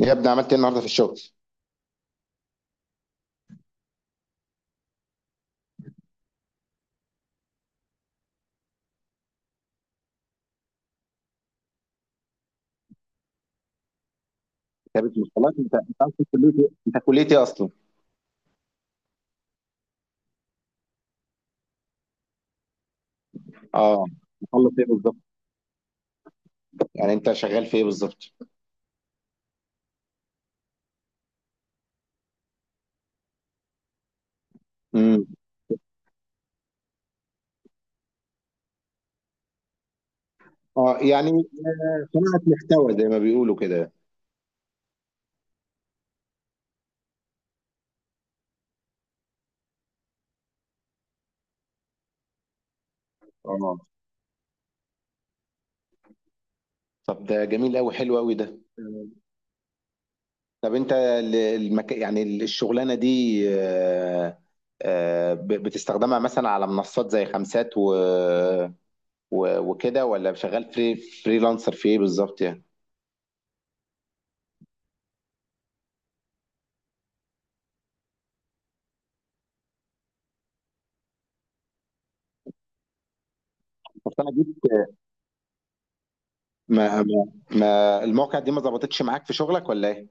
يا ابني عملت ايه النهارده في الشغل؟ كتابة مقالات، انت عايز تدخل كلية ايه؟ انت كلية ايه اصلا؟ اه، مخلص ايه بالظبط؟ يعني انت شغال في ايه بالظبط؟ امم. اه يعني صناعة محتوى زي ما بيقولوا كده. اه طب ده جميل قوي، حلو قوي ده. طب انت يعني الشغلانة دي، بتستخدمها مثلا على منصات زي خمسات وكده، ولا شغال فريلانسر في ايه بالظبط يعني؟ ما المواقع دي ما ظبطتش معاك في شغلك ولا ايه؟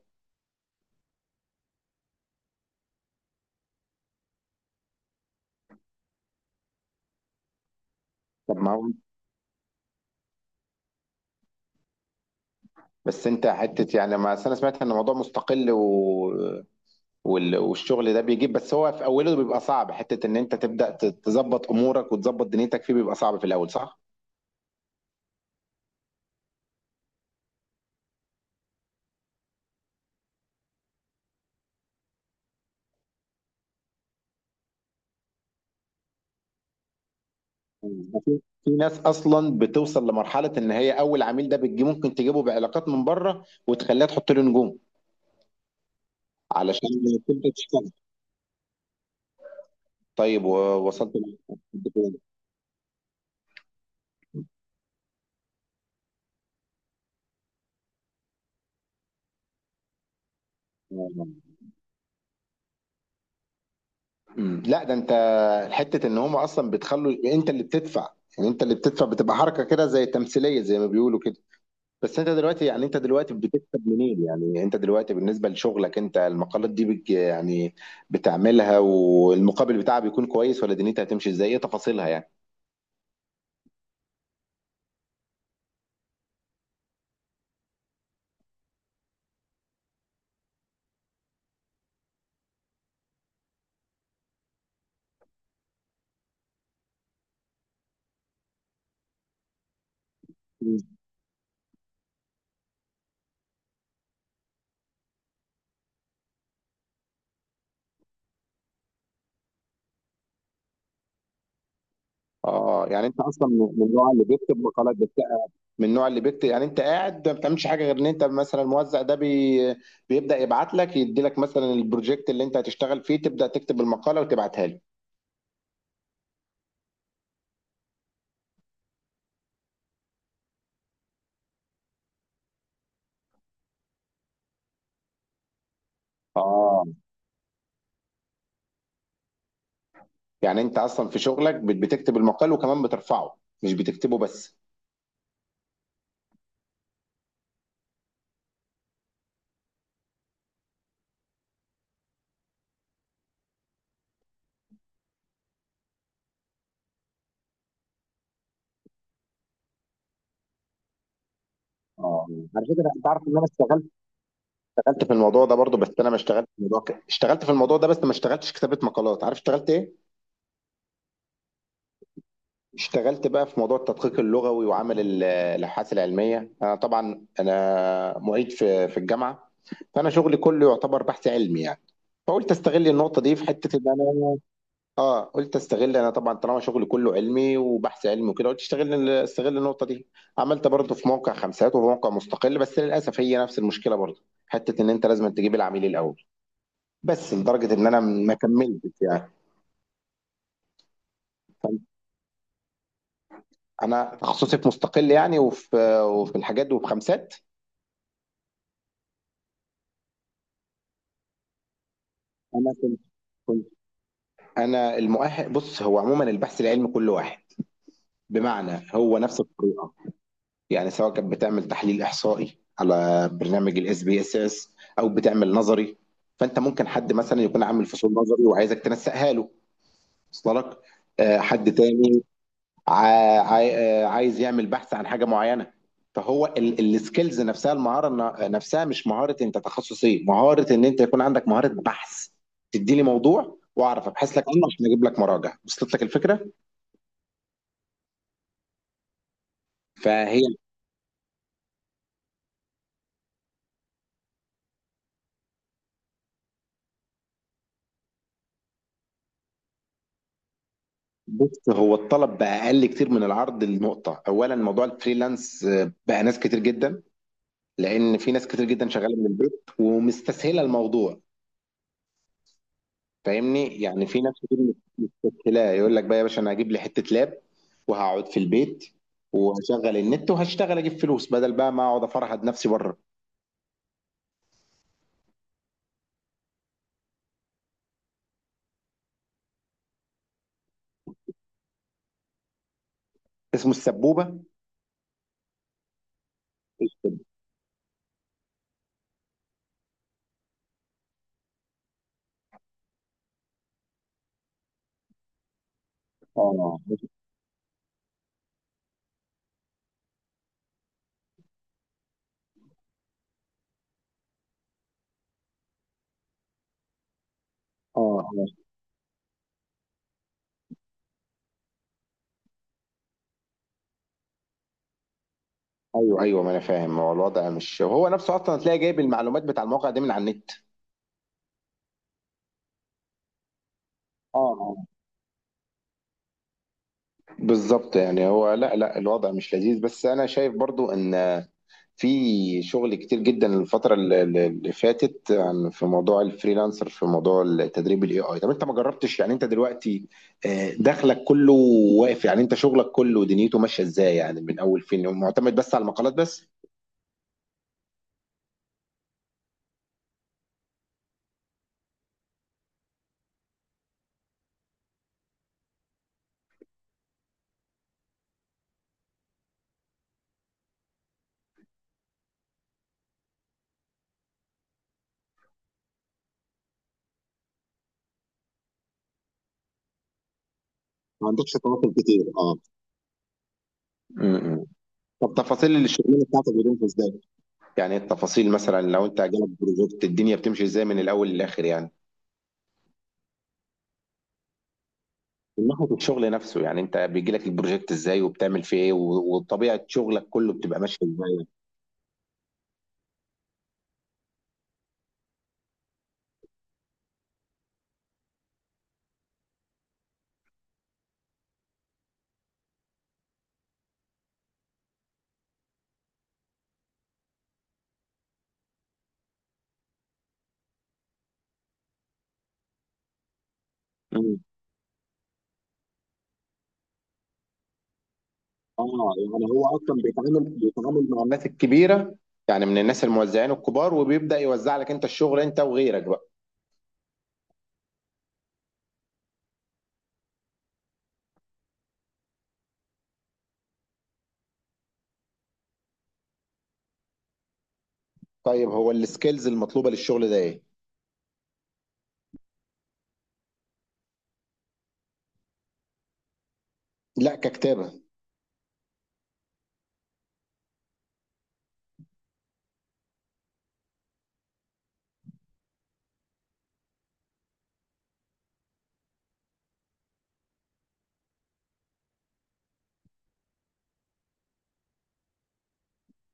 طب ما هو، بس انت حته يعني، ما أصل انا سمعت ان الموضوع مستقل والشغل ده بيجيب، بس هو في اوله بيبقى صعب، حته ان انت تبدا تظبط امورك وتظبط دنيتك فيه، بيبقى صعب في الاول صح؟ في ناس اصلا بتوصل لمرحله ان هي اول عميل ده، بتجي ممكن تجيبه بعلاقات من بره وتخليها تحط له نجوم، علشان تبدا تشتغل. طيب ووصلت مم. لا ده انت، حته ان هم اصلا بتخلوا انت اللي بتدفع. يعني انت اللي بتدفع، بتبقى حركه كده زي تمثيليه زي ما بيقولوا كده. بس انت دلوقتي، يعني انت دلوقتي بتكسب منين؟ يعني انت دلوقتي بالنسبه لشغلك انت، المقالات دي يعني بتعملها، والمقابل بتاعها بيكون كويس ولا دنيتها هتمشي ازاي؟ ايه تفاصيلها يعني؟ مم. اه يعني انت اصلا من النوع اللي بيكتب مقالات بس. من النوع اللي بيكتب، يعني انت قاعد ما بتعملش حاجه غير ان انت مثلا الموزع ده بيبدا يبعت لك، يدي لك مثلا البروجكت اللي انت هتشتغل فيه، تبدا تكتب المقاله وتبعتها له. اه، يعني انت اصلا في شغلك بتكتب المقال وكمان بترفعه، مش بتكتبه بس. اه على فكره، انت عارف ان انا اشتغلت في الموضوع ده برضو، بس انا ما اشتغلت في الموضوع اشتغلت في الموضوع ده، بس ما اشتغلتش كتابه مقالات. عارف اشتغلت ايه؟ اشتغلت بقى في موضوع التدقيق اللغوي وعمل ال- الابحاث العلميه، انا طبعا انا معيد في الجامعه، فانا شغلي كله يعتبر بحث علمي يعني. فقلت استغل النقطه دي في حته ان انا، قلت استغل، انا طبعا طالما شغلي كله علمي وبحث علمي وكده، قلت استغل النقطه دي. عملت برضه في موقع خمسات وفي موقع مستقل، بس للاسف هي نفس المشكله برضه، حته ان انت لازم تجيب العميل الاول، بس لدرجه ان انا ما كملتش يعني. انا تخصصي في مستقل يعني، وفي الحاجات دي وفي خمسات. كنت انا المؤهل، بص هو عموما البحث العلمي كله واحد، بمعنى هو نفس الطريقه. يعني سواء كانت بتعمل تحليل احصائي على برنامج SPSS، او بتعمل نظري، فانت ممكن حد مثلا يكون عامل فصول نظري وعايزك تنسقها له، وصل لك؟ حد تاني عا- عاي- عايز يعمل بحث عن حاجه معينه. فهو السكيلز نفسها، المهاره نفسها، مش مهاره انت تخصص ايه، مهاره ان انت يكون عندك مهاره بحث. تديني موضوع واعرف ابحث لك عنه عشان اجيب لك مراجع، وصلت لك الفكره؟ فهي بص، هو الطلب بقى اقل كتير من العرض لنقطه، اولا موضوع الفريلانس بقى ناس كتير جدا، لان في ناس كتير جدا شغاله من البيت ومستسهله الموضوع. فاهمني؟ يعني في ناس كتير مستسهله، يقول لك بقى يا باشا انا هجيب لي حته لاب، وهقعد في البيت وهشغل النت وهشتغل اجيب فلوس بدل بقى ما اقعد افرهد نفسي بره. اسمه السبوبه؟ اه اه آه. ايوه ايوه، ما انا فاهم، هو الوضع مش هو نفسه اصلا، هتلاقي جايب المعلومات بتاع المواقع دي من على النت. اه آه. بالظبط، يعني هو، لا لا الوضع مش لذيذ، بس انا شايف برضو ان في شغل كتير جدا الفترة اللي فاتت، عن في موضوع الفريلانسر، في موضوع التدريب AI. طب انت ما جربتش؟ يعني انت دلوقتي دخلك كله واقف؟ يعني انت شغلك كله دنيته ماشية ازاي يعني؟ من اول فين؟ معتمد بس على المقالات بس؟ ما عندكش تواصل كتير، اه. م-م. طب تفاصيل الشغلانة بتاعتك بتمشي ازاي؟ يعني التفاصيل، مثلا لو انت جالك بروجكت، الدنيا بتمشي ازاي من الاول للاخر يعني؟ من ناحية الشغل نفسه، يعني انت بيجي لك البروجكت ازاي، وبتعمل فيه ايه، وطبيعة شغلك كله بتبقى ماشية ازاي؟ مم. اه، يعني هو اصلا بيتعامل مع الناس الكبيره، يعني من الناس الموزعين الكبار، وبيبدا يوزع لك انت الشغل، انت وغيرك بقى. طيب، هو السكيلز المطلوبه للشغل ده ايه؟ لا، ككتابه.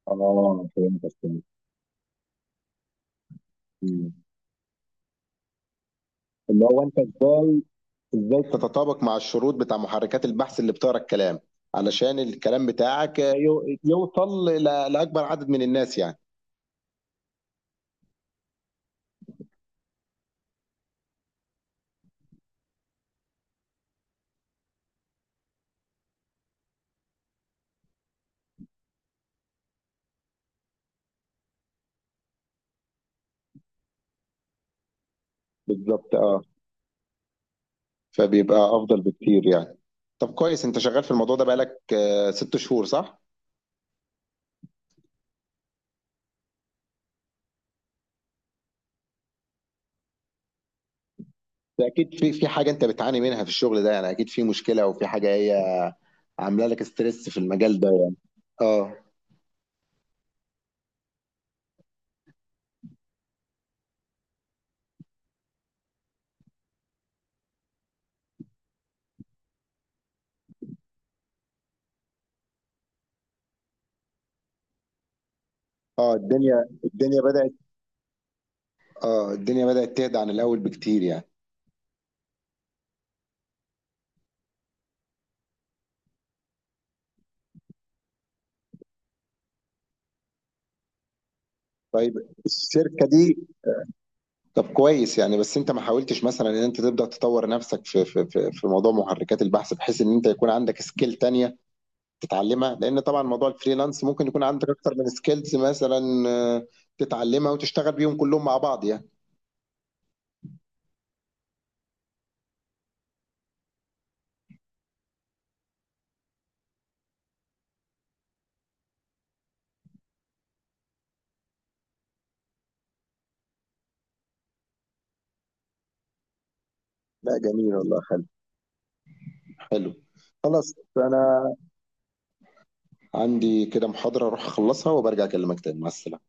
اه فهمتك، فهمت. مم. اللي هو انت ازاي، ازاي تتطابق مع الشروط بتاع محركات البحث اللي بتقرا الكلام، علشان الكلام بتاعك يوصل لاكبر عدد من الناس يعني. بالظبط، اه، فبيبقى افضل بكتير يعني. طب كويس، انت شغال في الموضوع ده بقالك 6 شهور صح؟ ده اكيد في حاجه انت بتعاني منها في الشغل ده يعني، اكيد في مشكله او في حاجه هي عامله لك ستريس في المجال ده يعني. اه اه، الدنيا بدات، اه الدنيا بدات تهدى عن الاول بكتير يعني. طيب الشركه دي. طب كويس يعني، بس انت ما حاولتش مثلا ان انت تبدا تطور نفسك في موضوع محركات البحث، بحيث ان انت يكون عندك سكيل تانية تتعلمها، لان طبعا موضوع الفريلانس ممكن يكون عندك اكتر من سكيلز مثلا، تتعلمها وتشتغل بيهم كلهم مع بعض يعني. لا جميل والله. حلو. خلاص انا عندي كده محاضرة اروح اخلصها وبرجع اكلمك تاني، مع السلامة.